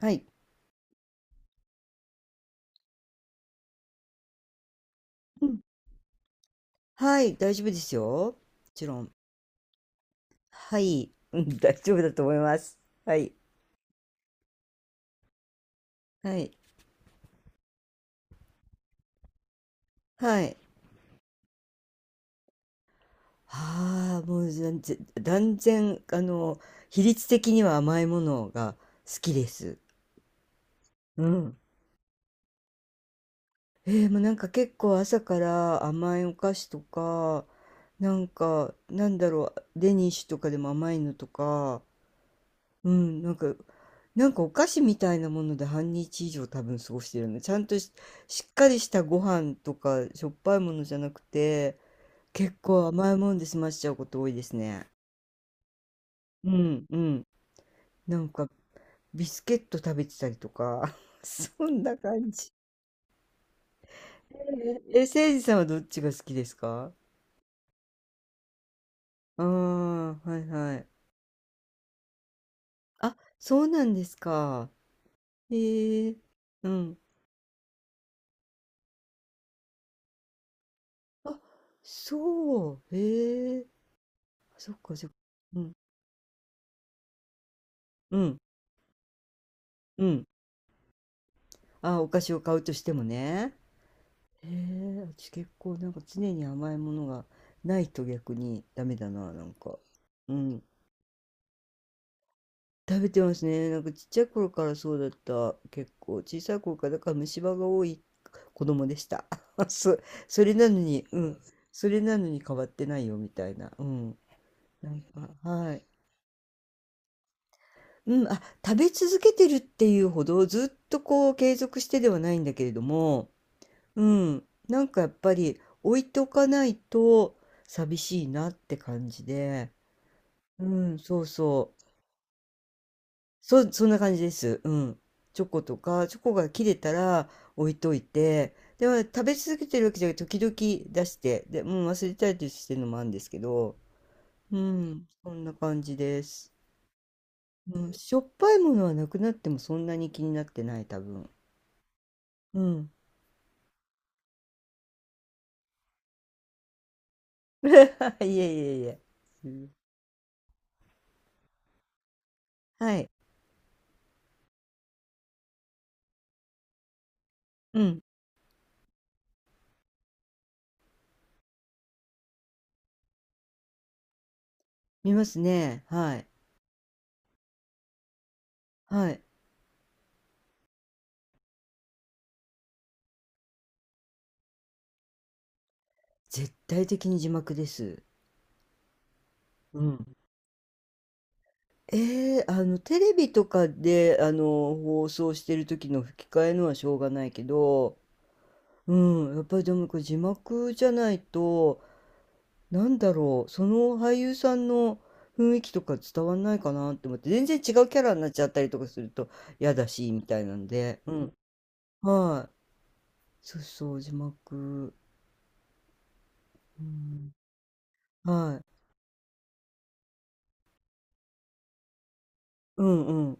はい。うん。はい、大丈夫ですよ。もちろん。はい。うん、大丈夫だと思います。はい。はい。はい。ああ、もう全然、断然、比率的には甘いものが好きです。うん。もうなんか結構朝から甘いお菓子とか、なんか、なんだろう、デニッシュとかでも甘いのとか、うん、なんか、なんかお菓子みたいなもので半日以上多分過ごしてるの。ちゃんとし、しっかりしたご飯とかしょっぱいものじゃなくて、結構甘いもんで済ましちゃうこと多いですね。うん、うん。なんか、ビスケット食べてたりとか、そんな感じ。えせいじさんはどっちが好きですか？ああー、はいはい。あ、そうなんですか？へえ、うん。あ、そう、へえ、そっかそっか。うんうん、うん。あ、お菓子を買うとしてもね。へえ、私結構なんか常に甘いものがないと逆にダメだな、なんか。うん。食べてますね。なんかちっちゃい頃からそうだった。結構小さい頃から、だから虫歯が多い子供でした。そ、それなのに、うん。それなのに変わってないよみたいな。うん。なんか、はい。うん、食べ続けてるっていうほどずっとこう継続してではないんだけれども、うん、なんかやっぱり置いておかないと寂しいなって感じで、うん、そうそう、そんな感じです。うん。チョコとか、チョコが切れたら置いといて、でも食べ続けてるわけじゃなくて、時々出して、で、うん、忘れたりしてるのもあるんですけど、うん、そんな感じです。うん、しょっぱいものはなくなってもそんなに気になってない、多分。うん。いえいえいえ。うん。はい。うん、見ますね。はい。はい。絶対的に字幕です。うん。テレビとかで、放送してる時の吹き替えのはしょうがないけど、うん、やっぱりでもこれ字幕じゃないと、なんだろう、その俳優さんの雰囲気とか伝わんないかなって思って、全然違うキャラになっちゃったりとかすると嫌だし、みたいなんで、うん、はい。そうそう、字幕。うん、はい。うんうん。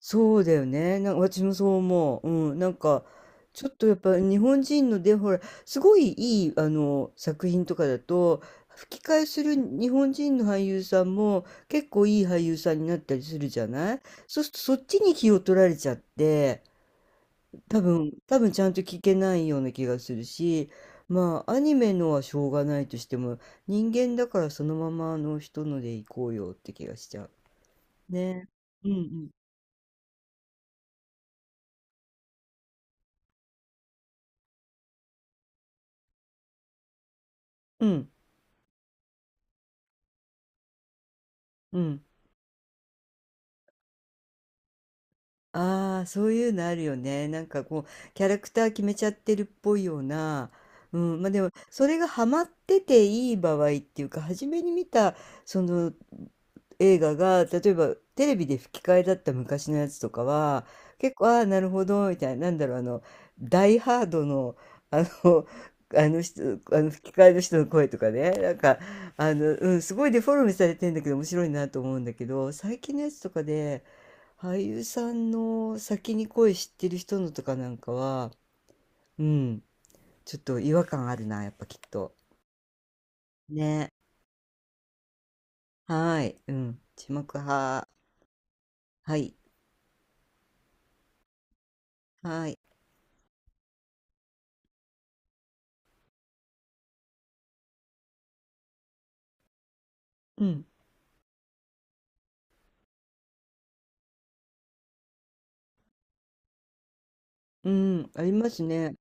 そうだよね。なんか私もそう思う。うん。なんか、ちょっとやっぱ日本人ので、ほら、すごいいい、作品とかだと、吹き替えする日本人の俳優さんも結構いい俳優さんになったりするじゃない？そうするとそっちに気を取られちゃって、多分ちゃんと聞けないような気がするし、まあ、アニメのはしょうがないとしても、人間だからそのままあの人ので行こうよって気がしちゃう。ね。うんうん。うん。うん。ああ、そういうのあるよね。なんかこう、キャラクター決めちゃってるっぽいような。うん、まあでも、それがハマってていい場合っていうか、初めに見たその映画が、例えばテレビで吹き替えだった昔のやつとかは、結構、ああ、なるほど、みたいな、なんだろう、ダイハードの、あの、あの人、あの吹き替えの人の声とかね、なんか、うん、すごいデフォルメされてんだけど、面白いなと思うんだけど、最近のやつとかで、俳優さんの先に声知ってる人のとかなんかは、うん、ちょっと違和感あるな、やっぱきっと。ね。はい。うん。字幕派。はい。はい。うん。うん。ありますね。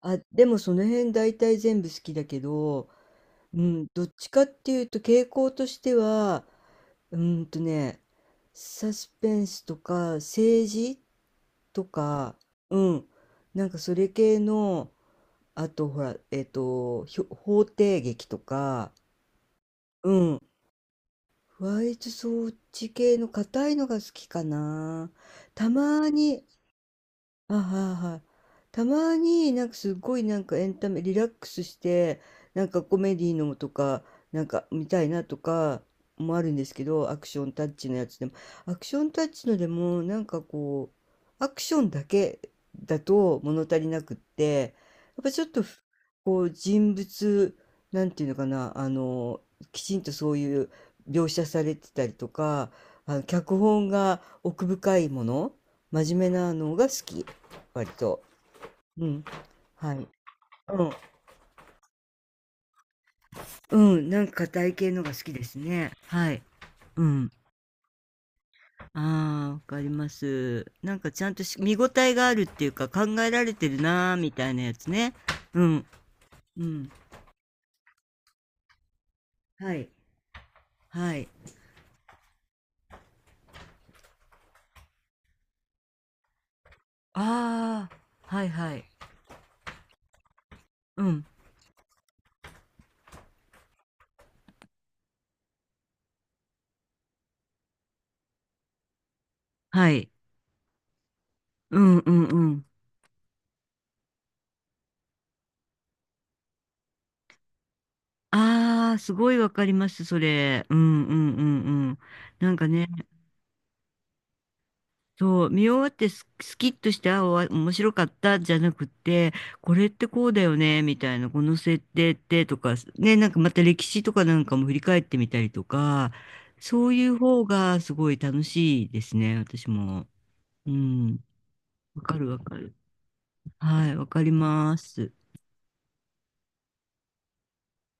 あ、でもその辺大体全部好きだけど、うん、どっちかっていうと傾向としては、うーんとね、サスペンスとか政治とか、うん、なんかそれ系のあと、ほら、法廷劇とか、うん。割ワイト装置系の硬いのが好きかな。たまに、あ、はいはい。たまになんかすごいなんかエンタメリラックスしてなんかコメディのとかなんか見たいなとかもあるんですけど、アクションタッチのやつでもアクションタッチのでもなんかこうアクションだけだと物足りなくって、やっぱちょっとふこう人物なんていうのかな、あのきちんとそういう描写されてたりとか、あの脚本が奥深いもの、真面目なのが好き。割と。うん。はい。うん。うん、なんか硬い系のが好きですね。はい。うん。ああ、わかります。なんかちゃんとし見応えがあるっていうか、考えられてるなーみたいなやつね。うん。うん。はい。はい。ああ、はいはい。うん。はい。うんうんうん。ああ、すごいわかります、それ。うんうんうんうん。なんかね、そう、見終わってスキッとして、あ、面白かったじゃなくて、これってこうだよね、みたいな、この設定ってとか、ね、なんかまた歴史とかなんかも振り返ってみたりとか、そういう方がすごい楽しいですね、私も。うん、わかるわかる。はい、わかります。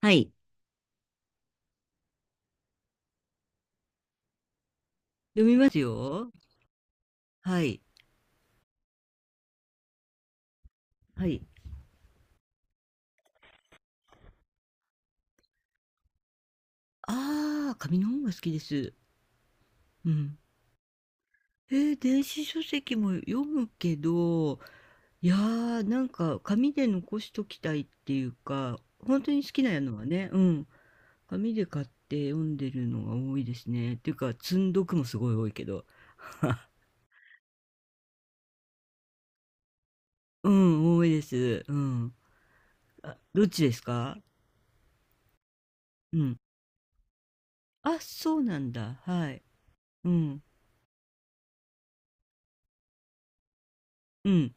はい、読みますよ。はい、はい。ああ、紙の本が好きです。うん。電子書籍も読むけど、いやー、なんか紙で残しときたいっていうか、本当に好きなのはね、うん、紙で買って読んでるのが多いですね。っていうか、積読もすごい多いけど。うん、多いです。うん。あ、どっちですか？うん。あ、そうなんだ。はい。うん。うん。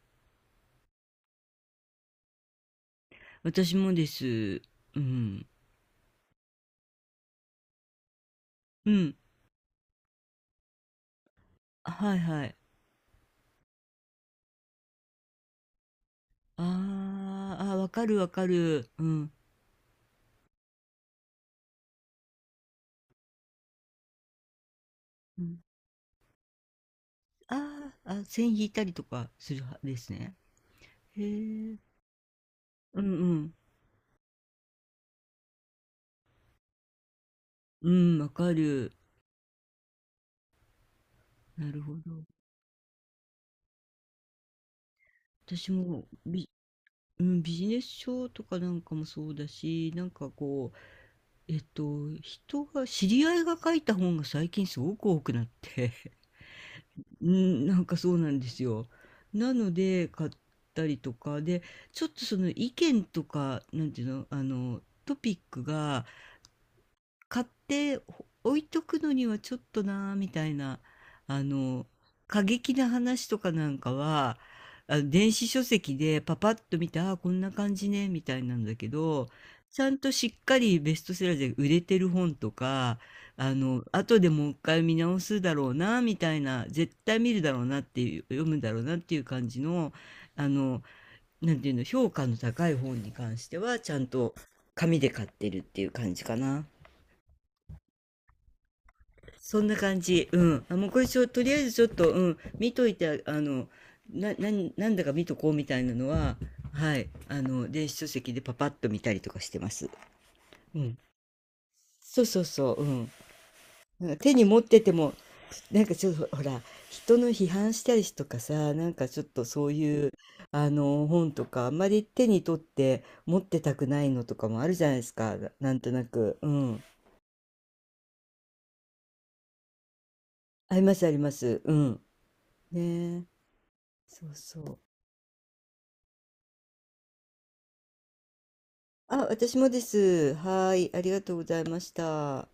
私もです。うん。うん。あ、はいはい。ああ、あ、わかるわかる。うん。うん。ああ、あ、線引いたりとかする派ですね。へえ。うんうん。うん、わかる。なるほど。私もうん、ビジネス書とかなんかもそうだし、なんかこう、人が、知り合いが書いた本が最近すごく多くなって、うん、なんかそうなんですよ。なので、買ったりとか、で、ちょっとその意見とか、なんていうの、トピックが、買って置いとくのにはちょっとなあみたいな、あの、過激な話とかなんかは、電子書籍でパパッと見て、ああ、こんな感じね、みたいなんだけど、ちゃんとしっかりベストセラーで売れてる本とか、後でもう一回見直すだろうな、みたいな、絶対見るだろうなっていう、読むだろうなっていう感じの、あの、なんていうの、評価の高い本に関しては、ちゃんと紙で買ってるっていう感じかな。そんな感じ。うん。あ、もうこれちょ、とりあえずちょっと、うん、見といて、なんだか見とこうみたいなのは、はい、電子書籍でパパッと見たりとかしてます。うん。そうそうそう、うん。なんか手に持ってても、なんかちょっと、ほら、人の批判したりとかさ、なんかちょっとそういう、本とか、あんまり手に取って持ってたくないのとかもあるじゃないですか。ななんとなく。うん。ありますあります。うん。ねえ。そうそう。あ、私もです。はい、ありがとうございました。